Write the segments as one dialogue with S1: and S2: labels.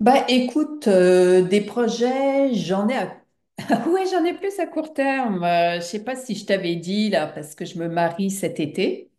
S1: Bah écoute, des projets, j'en ai à... Ouais, j'en ai plus à court terme. Je sais pas si je t'avais dit là, parce que je me marie cet été.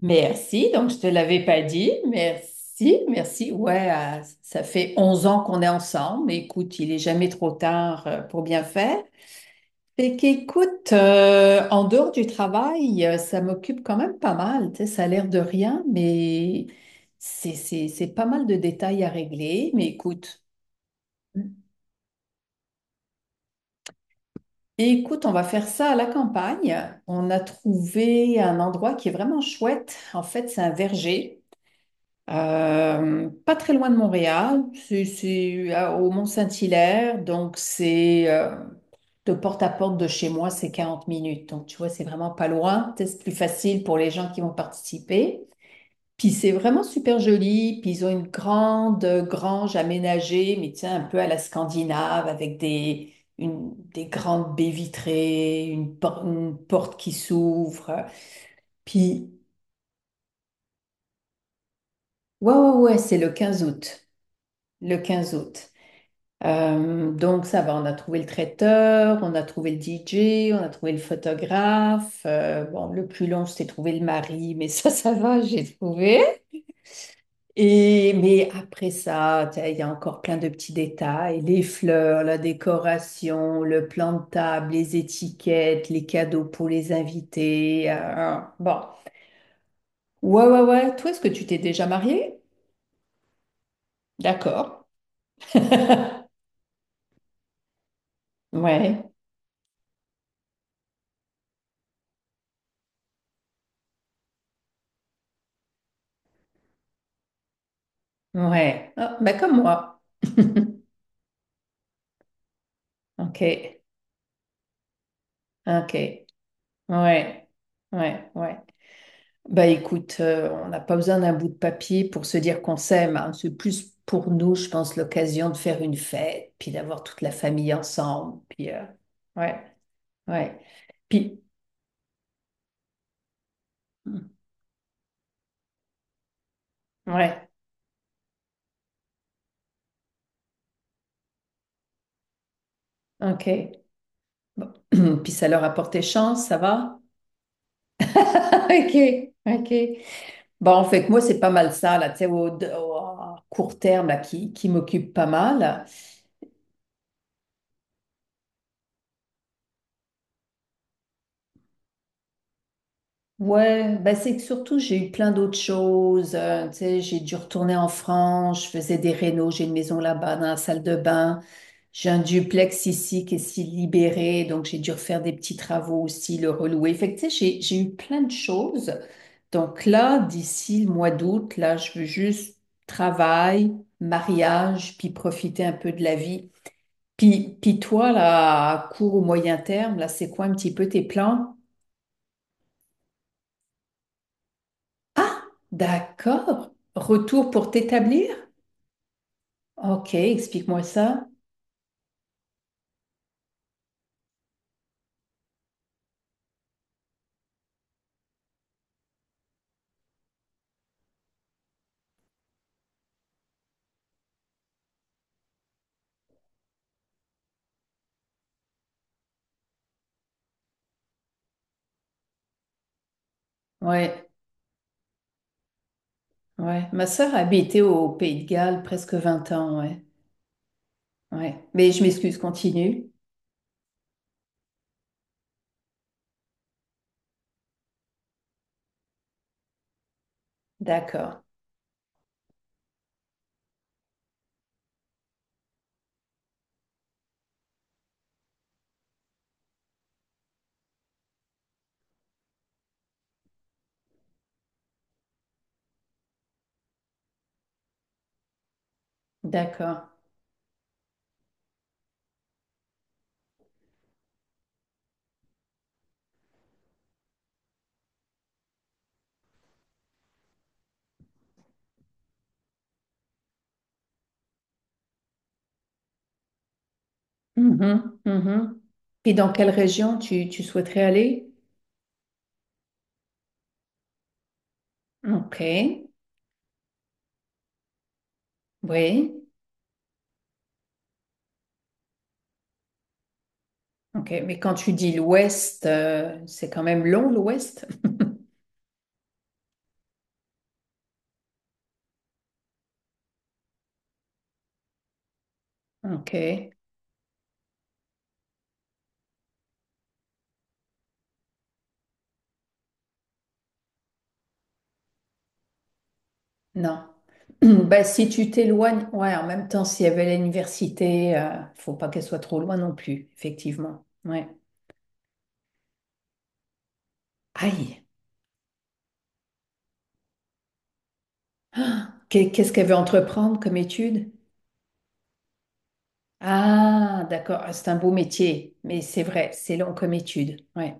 S1: Merci, donc je te l'avais pas dit. Merci, merci. Ouais, ça fait 11 ans qu'on est ensemble. Écoute, il est jamais trop tard pour bien faire. Fait qu'écoute, en dehors du travail, ça m'occupe quand même pas mal. Tu sais, ça a l'air de rien, mais c'est pas mal de détails à régler. Mais écoute. Écoute, on va faire ça à la campagne. On a trouvé un endroit qui est vraiment chouette. En fait, c'est un verger, pas très loin de Montréal. C'est au Mont-Saint-Hilaire, donc c'est, de porte à porte de chez moi, c'est 40 minutes. Donc tu vois, c'est vraiment pas loin. Peut-être c'est plus facile pour les gens qui vont participer. Puis c'est vraiment super joli. Puis ils ont une grande grange aménagée, mais tiens, un peu à la Scandinave, avec des, des grandes baies vitrées, une, une porte qui s'ouvre. Puis, ouais, ouais, ouais, c'est le 15 août. Le 15 août. Donc ça va, on a trouvé le traiteur, on a trouvé le DJ, on a trouvé le photographe. Bon, le plus long, c'était trouver le mari, mais ça va, j'ai trouvé. Et, mais après ça, tu sais, il y a encore plein de petits détails, les fleurs, la décoration, le plan de table, les étiquettes, les cadeaux pour les invités. Bon. Ouais, ouais, ouais. Toi, est-ce que tu t'es déjà mariée? D'accord. Ouais, ouais. Ah, bah comme moi. Ok, ok. Ouais, ouais, ouais. Bah écoute, on n'a pas besoin d'un bout de papier pour se dire qu'on s'aime, hein. C'est plus pour nous, je pense, l'occasion de faire une fête, puis d'avoir toute la famille ensemble. Puis ouais, ouais. Puis mm, ouais, ok. Bon. Puis ça leur a porté chance, ça va? Ok, ok. Bon, en fait, moi, c'est pas mal ça, là, tu sais, à court terme, là, qui m'occupe pas mal. Ouais, bah c'est que surtout j'ai eu plein d'autres choses. Tu sais, j'ai dû retourner en France, je faisais des rénaux, j'ai une maison là-bas dans la salle de bain. J'ai un duplex ici qui est si libéré, donc j'ai dû refaire des petits travaux aussi, le relouer. Fait que, tu sais, j'ai eu plein de choses. Donc là, d'ici le mois d'août, là, je veux juste travail, mariage, puis profiter un peu de la vie. Puis toi, là, à court ou moyen terme, là, c'est quoi un petit peu tes plans? Ah, d'accord. Retour pour t'établir? Ok, explique-moi ça. Ouais, ouais. Ma sœur a habité au Pays de Galles presque 20 ans, ouais. Ouais. Mais je m'excuse, continue. D'accord, d'accord. Mhm, mhm. Et dans quelle région tu souhaiterais aller? Ok, oui. Ok, mais quand tu dis l'ouest, c'est quand même long l'ouest? Ok. Non. Bah, si tu t'éloignes, ouais, en même temps, s'il y avait l'université, faut pas qu'elle soit trop loin non plus, effectivement. Ouais. Aïe. Qu'est-ce qu'elle veut entreprendre comme étude? Ah, d'accord. Ah, c'est un beau métier, mais c'est vrai, c'est long comme étude. Ouais.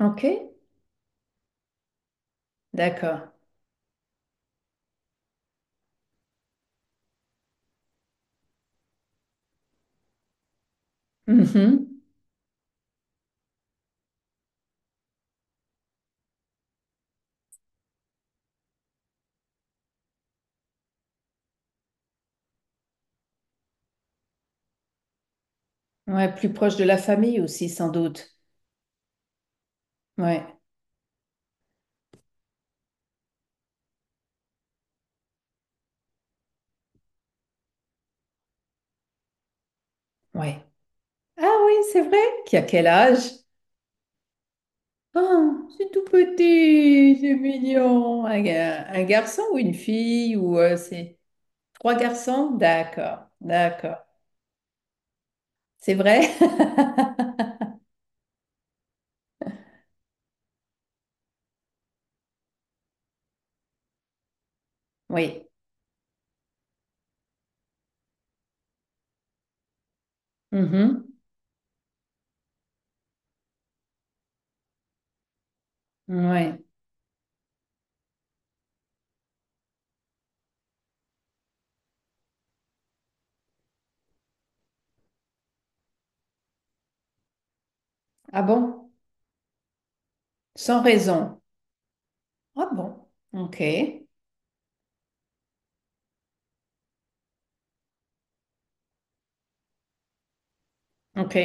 S1: OK. D'accord. Mhm. Ouais, plus proche de la famille aussi, sans doute. Ouais. Ouais. Ah oui, c'est vrai. Qui a quel âge? Oh, c'est tout petit, c'est mignon. Un, un garçon ou une fille ou c'est trois garçons? D'accord, d'accord. C'est vrai? Oui. Mhm. Ouais. Ah bon? Sans raison. Ah bon? Ok, ok.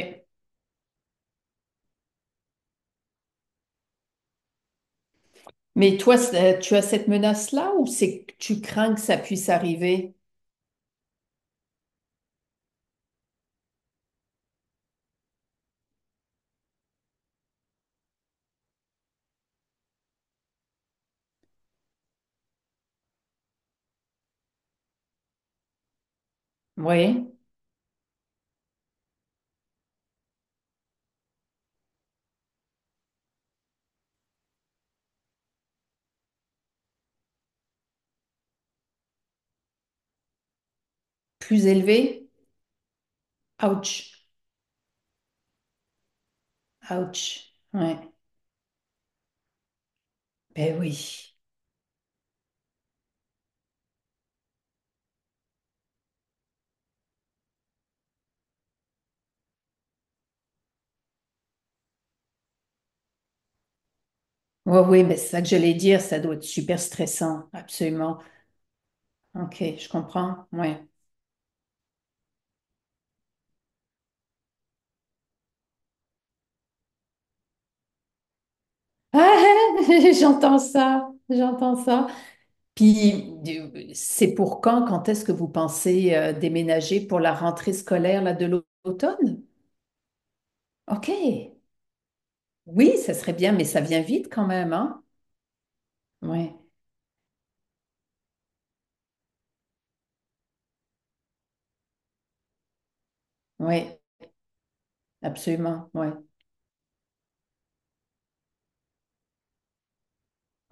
S1: Mais toi, c'est- tu as cette menace-là ou c'est que tu crains que ça puisse arriver? Oui. Plus élevé? Ouch, ouch. Ouais. Ben oui. Oui, oui, mais c'est ça que j'allais dire, ça doit être super stressant, absolument. Ok, je comprends. Ouais. Ah, j'entends ça, j'entends ça. Puis, c'est pour quand, quand est-ce que vous pensez déménager pour la rentrée scolaire là, l'automne? Ok, oui, ça serait bien, mais ça vient vite quand même, hein? Ouais, ouais, absolument, ouais,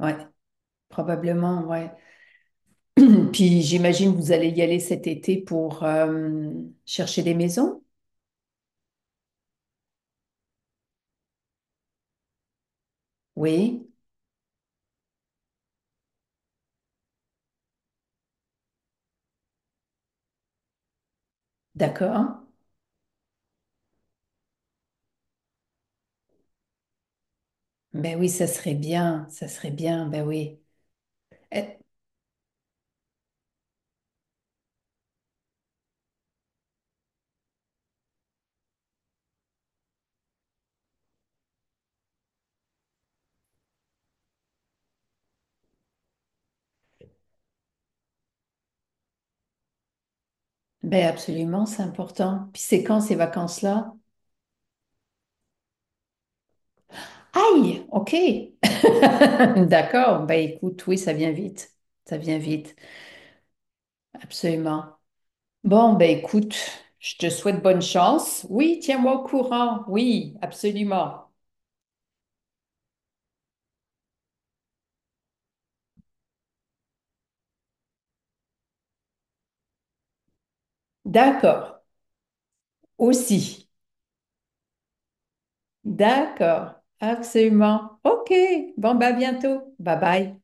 S1: ouais, probablement, ouais. Puis, j'imagine que vous allez y aller cet été pour chercher des maisons? Oui. D'accord. Ben oui, ça serait bien, ben oui. Eh, ben absolument, c'est important. Puis c'est quand ces vacances-là? Aïe, ok. D'accord, ben écoute, oui, ça vient vite. Ça vient vite, absolument. Bon, ben écoute, je te souhaite bonne chance. Oui, tiens-moi au courant. Oui, absolument. D'accord, aussi. D'accord, absolument. Ok, bon, ben à bientôt. Bye bye.